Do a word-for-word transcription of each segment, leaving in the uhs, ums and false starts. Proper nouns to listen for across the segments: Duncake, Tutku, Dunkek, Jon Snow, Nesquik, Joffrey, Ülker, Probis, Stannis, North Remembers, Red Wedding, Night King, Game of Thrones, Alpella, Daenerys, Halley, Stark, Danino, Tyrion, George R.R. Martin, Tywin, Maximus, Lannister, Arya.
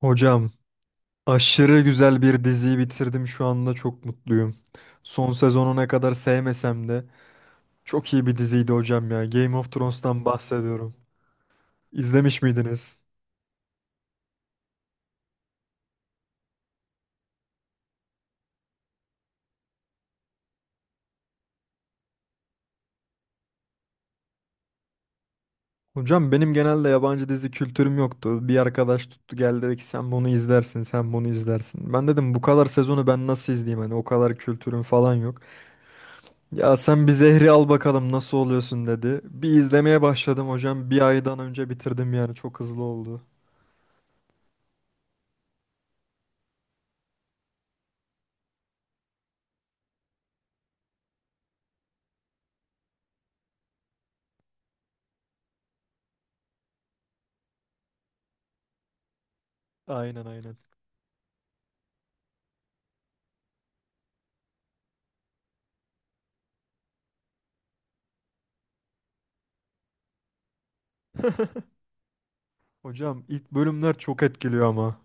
Hocam aşırı güzel bir diziyi bitirdim şu anda çok mutluyum. Son sezonu ne kadar sevmesem de çok iyi bir diziydi hocam ya. Game of Thrones'tan bahsediyorum. İzlemiş miydiniz? Hocam benim genelde yabancı dizi kültürüm yoktu. Bir arkadaş tuttu geldi dedi ki sen bunu izlersin, sen bunu izlersin. Ben dedim bu kadar sezonu ben nasıl izleyeyim hani o kadar kültürüm falan yok. Ya sen bir zehri al bakalım nasıl oluyorsun dedi. Bir izlemeye başladım hocam. Bir aydan önce bitirdim yani çok hızlı oldu. Aynen, aynen. Hocam ilk bölümler çok etkiliyor ama.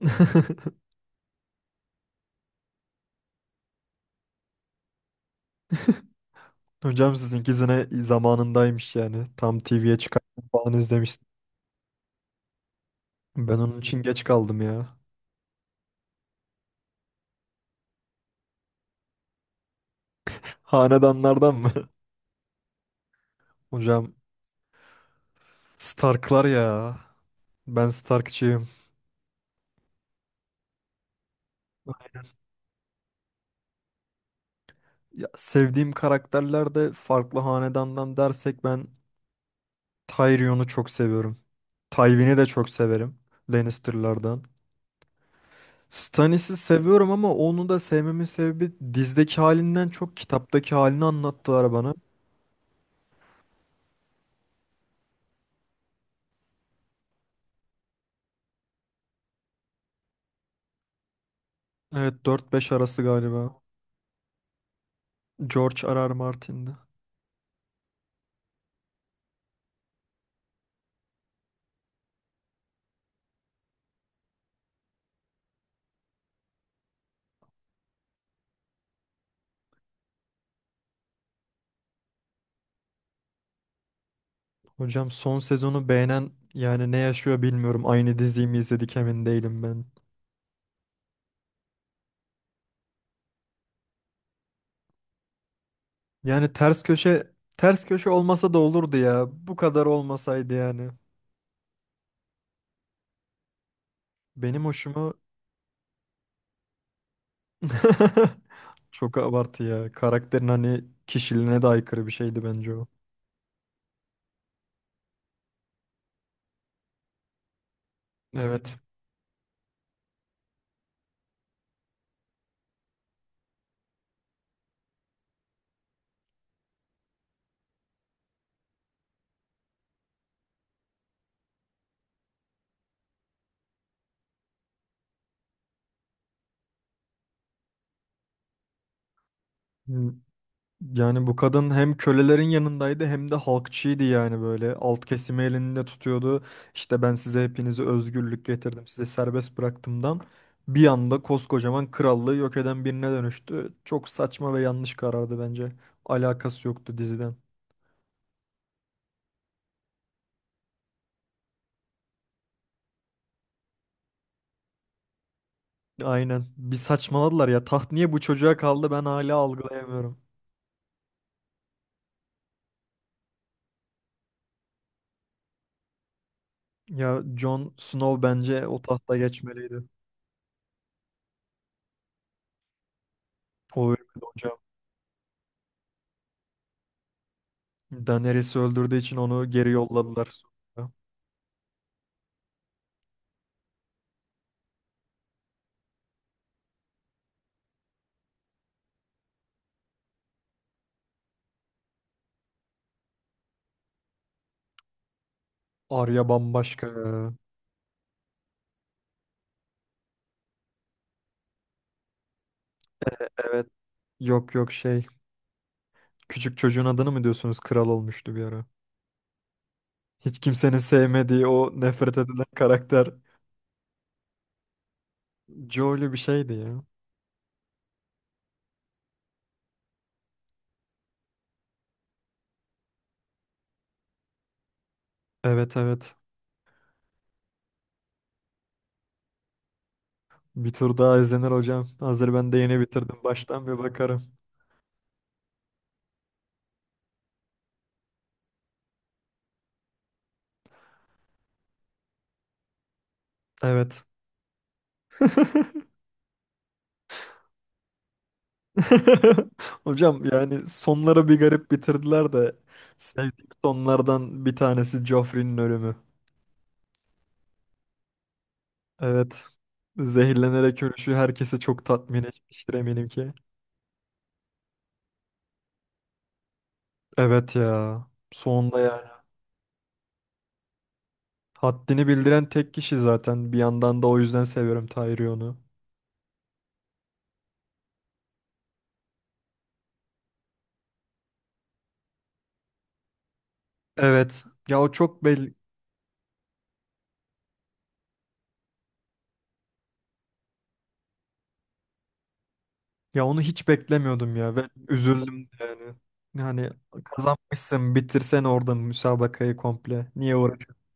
Hocam sizinkisine zamanındaymış yani. Tam T V'ye çıkarken falan izlemiştim. Ben onun için geç kaldım ya. Hanedanlardan mı? Hocam Stark'lar ya. Ben Stark'çıyım. Ya, sevdiğim karakterler de farklı hanedandan dersek ben Tyrion'u çok seviyorum. Tywin'i de çok severim. Lannister'lardan. Stannis'i seviyorum ama onu da sevmemin sebebi dizdeki halinden çok kitaptaki halini anlattılar bana. Evet, dört beş arası galiba. George R R. Martin'di. Hocam son sezonu beğenen yani ne yaşıyor bilmiyorum. Aynı diziyi mi izledik emin değilim ben. Yani ters köşe ters köşe olmasa da olurdu ya. Bu kadar olmasaydı yani. Benim hoşuma çok abartı ya. Karakterin hani kişiliğine de aykırı bir şeydi bence o. Evet. Yani bu kadın hem kölelerin yanındaydı hem de halkçıydı yani böyle. Alt kesimi elinde tutuyordu. İşte ben size hepinizi özgürlük getirdim, size serbest bıraktımdan. Bir anda koskocaman krallığı yok eden birine dönüştü. Çok saçma ve yanlış karardı bence. Alakası yoktu diziden. Aynen. Bir saçmaladılar ya. Taht niye bu çocuğa kaldı ben hala algılayamıyorum. Ya Jon Snow bence o tahta geçmeliydi. O ölmedi hocam. Daenerys'i öldürdüğü için onu geri yolladılar. Sonra. Arya bambaşka ya. Evet. Yok, yok şey. Küçük çocuğun adını mı diyorsunuz? Kral olmuştu bir ara. Hiç kimsenin sevmediği o nefret edilen karakter. Joel'i bir şeydi ya. Evet, evet. Bir tur daha izlenir hocam. Hazır ben de yeni bitirdim. Baştan bir bakarım. Evet. Hocam yani sonları bir garip bitirdiler de sevdiğim sonlardan bir tanesi Joffrey'nin ölümü. Evet. Zehirlenerek ölüşü herkesi çok tatmin etmiştir eminim ki. Evet ya. Sonunda yani. Haddini bildiren tek kişi zaten. Bir yandan da o yüzden seviyorum Tyrion'u. Evet. Ya o çok belli. Ya onu hiç beklemiyordum ya ve üzüldüm de yani. Yani kazanmışsın bitirsen orada müsabakayı komple. Niye uğraşıyorsun?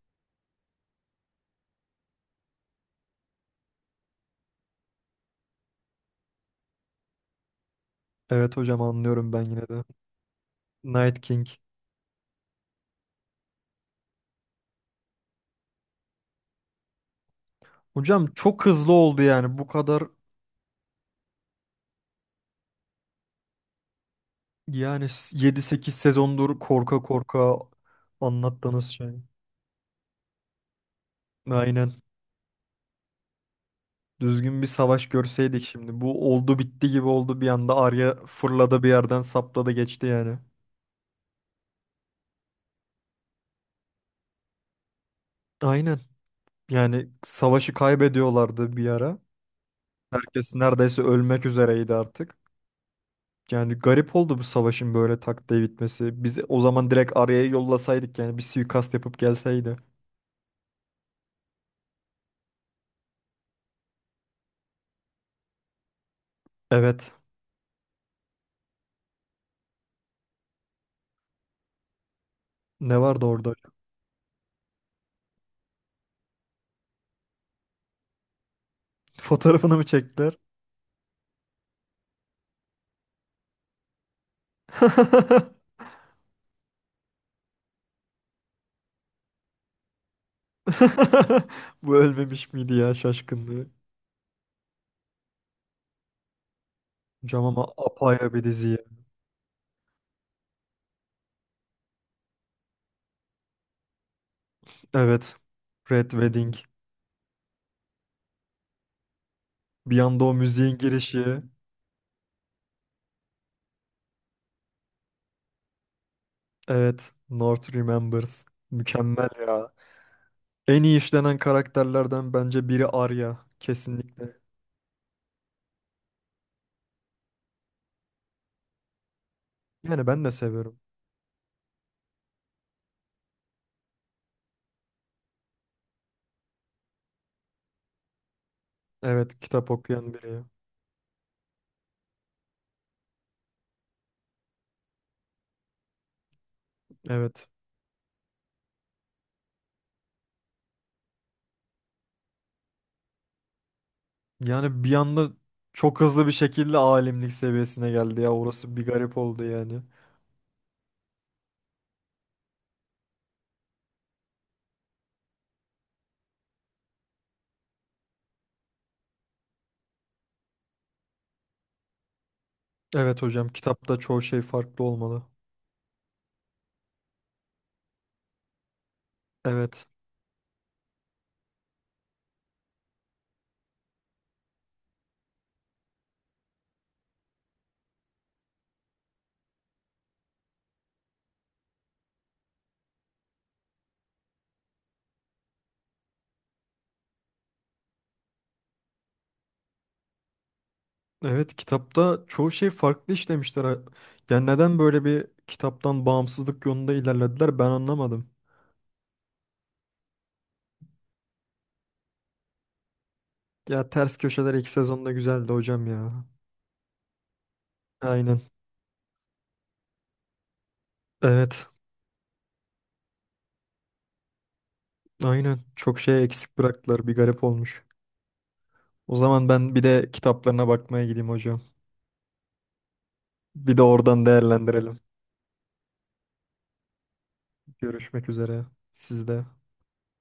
Evet hocam, anlıyorum ben yine de. Night King. Hocam çok hızlı oldu yani bu kadar, yani yedi sekiz sezondur korka korka anlattığınız şey. Aynen. Düzgün bir savaş görseydik şimdi. Bu oldu bitti gibi oldu bir anda. Arya fırladı bir yerden sapladı geçti yani. Aynen. Yani savaşı kaybediyorlardı bir ara. Herkes neredeyse ölmek üzereydi artık. Yani garip oldu bu savaşın böyle tak diye bitmesi. Biz o zaman direkt Arya'yı yollasaydık yani bir suikast yapıp gelseydi. Evet. Ne vardı orada? Fotoğrafını mı çektiler? Bu ölmemiş miydi ya şaşkınlığı? Hocam ama apayrı bir dizi. Evet. Red Wedding. Bir anda o müziğin girişi. Evet. North Remembers. Mükemmel ya. En iyi işlenen karakterlerden bence biri Arya. Kesinlikle. Yani ben de seviyorum. Evet. Kitap okuyan biri. Evet. Yani bir anda çok hızlı bir şekilde alimlik seviyesine geldi ya. Orası bir garip oldu yani. Evet hocam. Kitapta çoğu şey farklı olmalı. Evet. Evet, kitapta çoğu şey farklı işlemişler. Ha. Yani neden böyle bir kitaptan bağımsızlık yolunda ilerlediler ben anlamadım. Ya ters köşeler ilk sezonda güzeldi hocam ya. Aynen. Evet. Aynen. Çok şey eksik bıraktılar. Bir garip olmuş. O zaman ben bir de kitaplarına bakmaya gideyim hocam. Bir de oradan değerlendirelim. Görüşmek üzere. Sizde.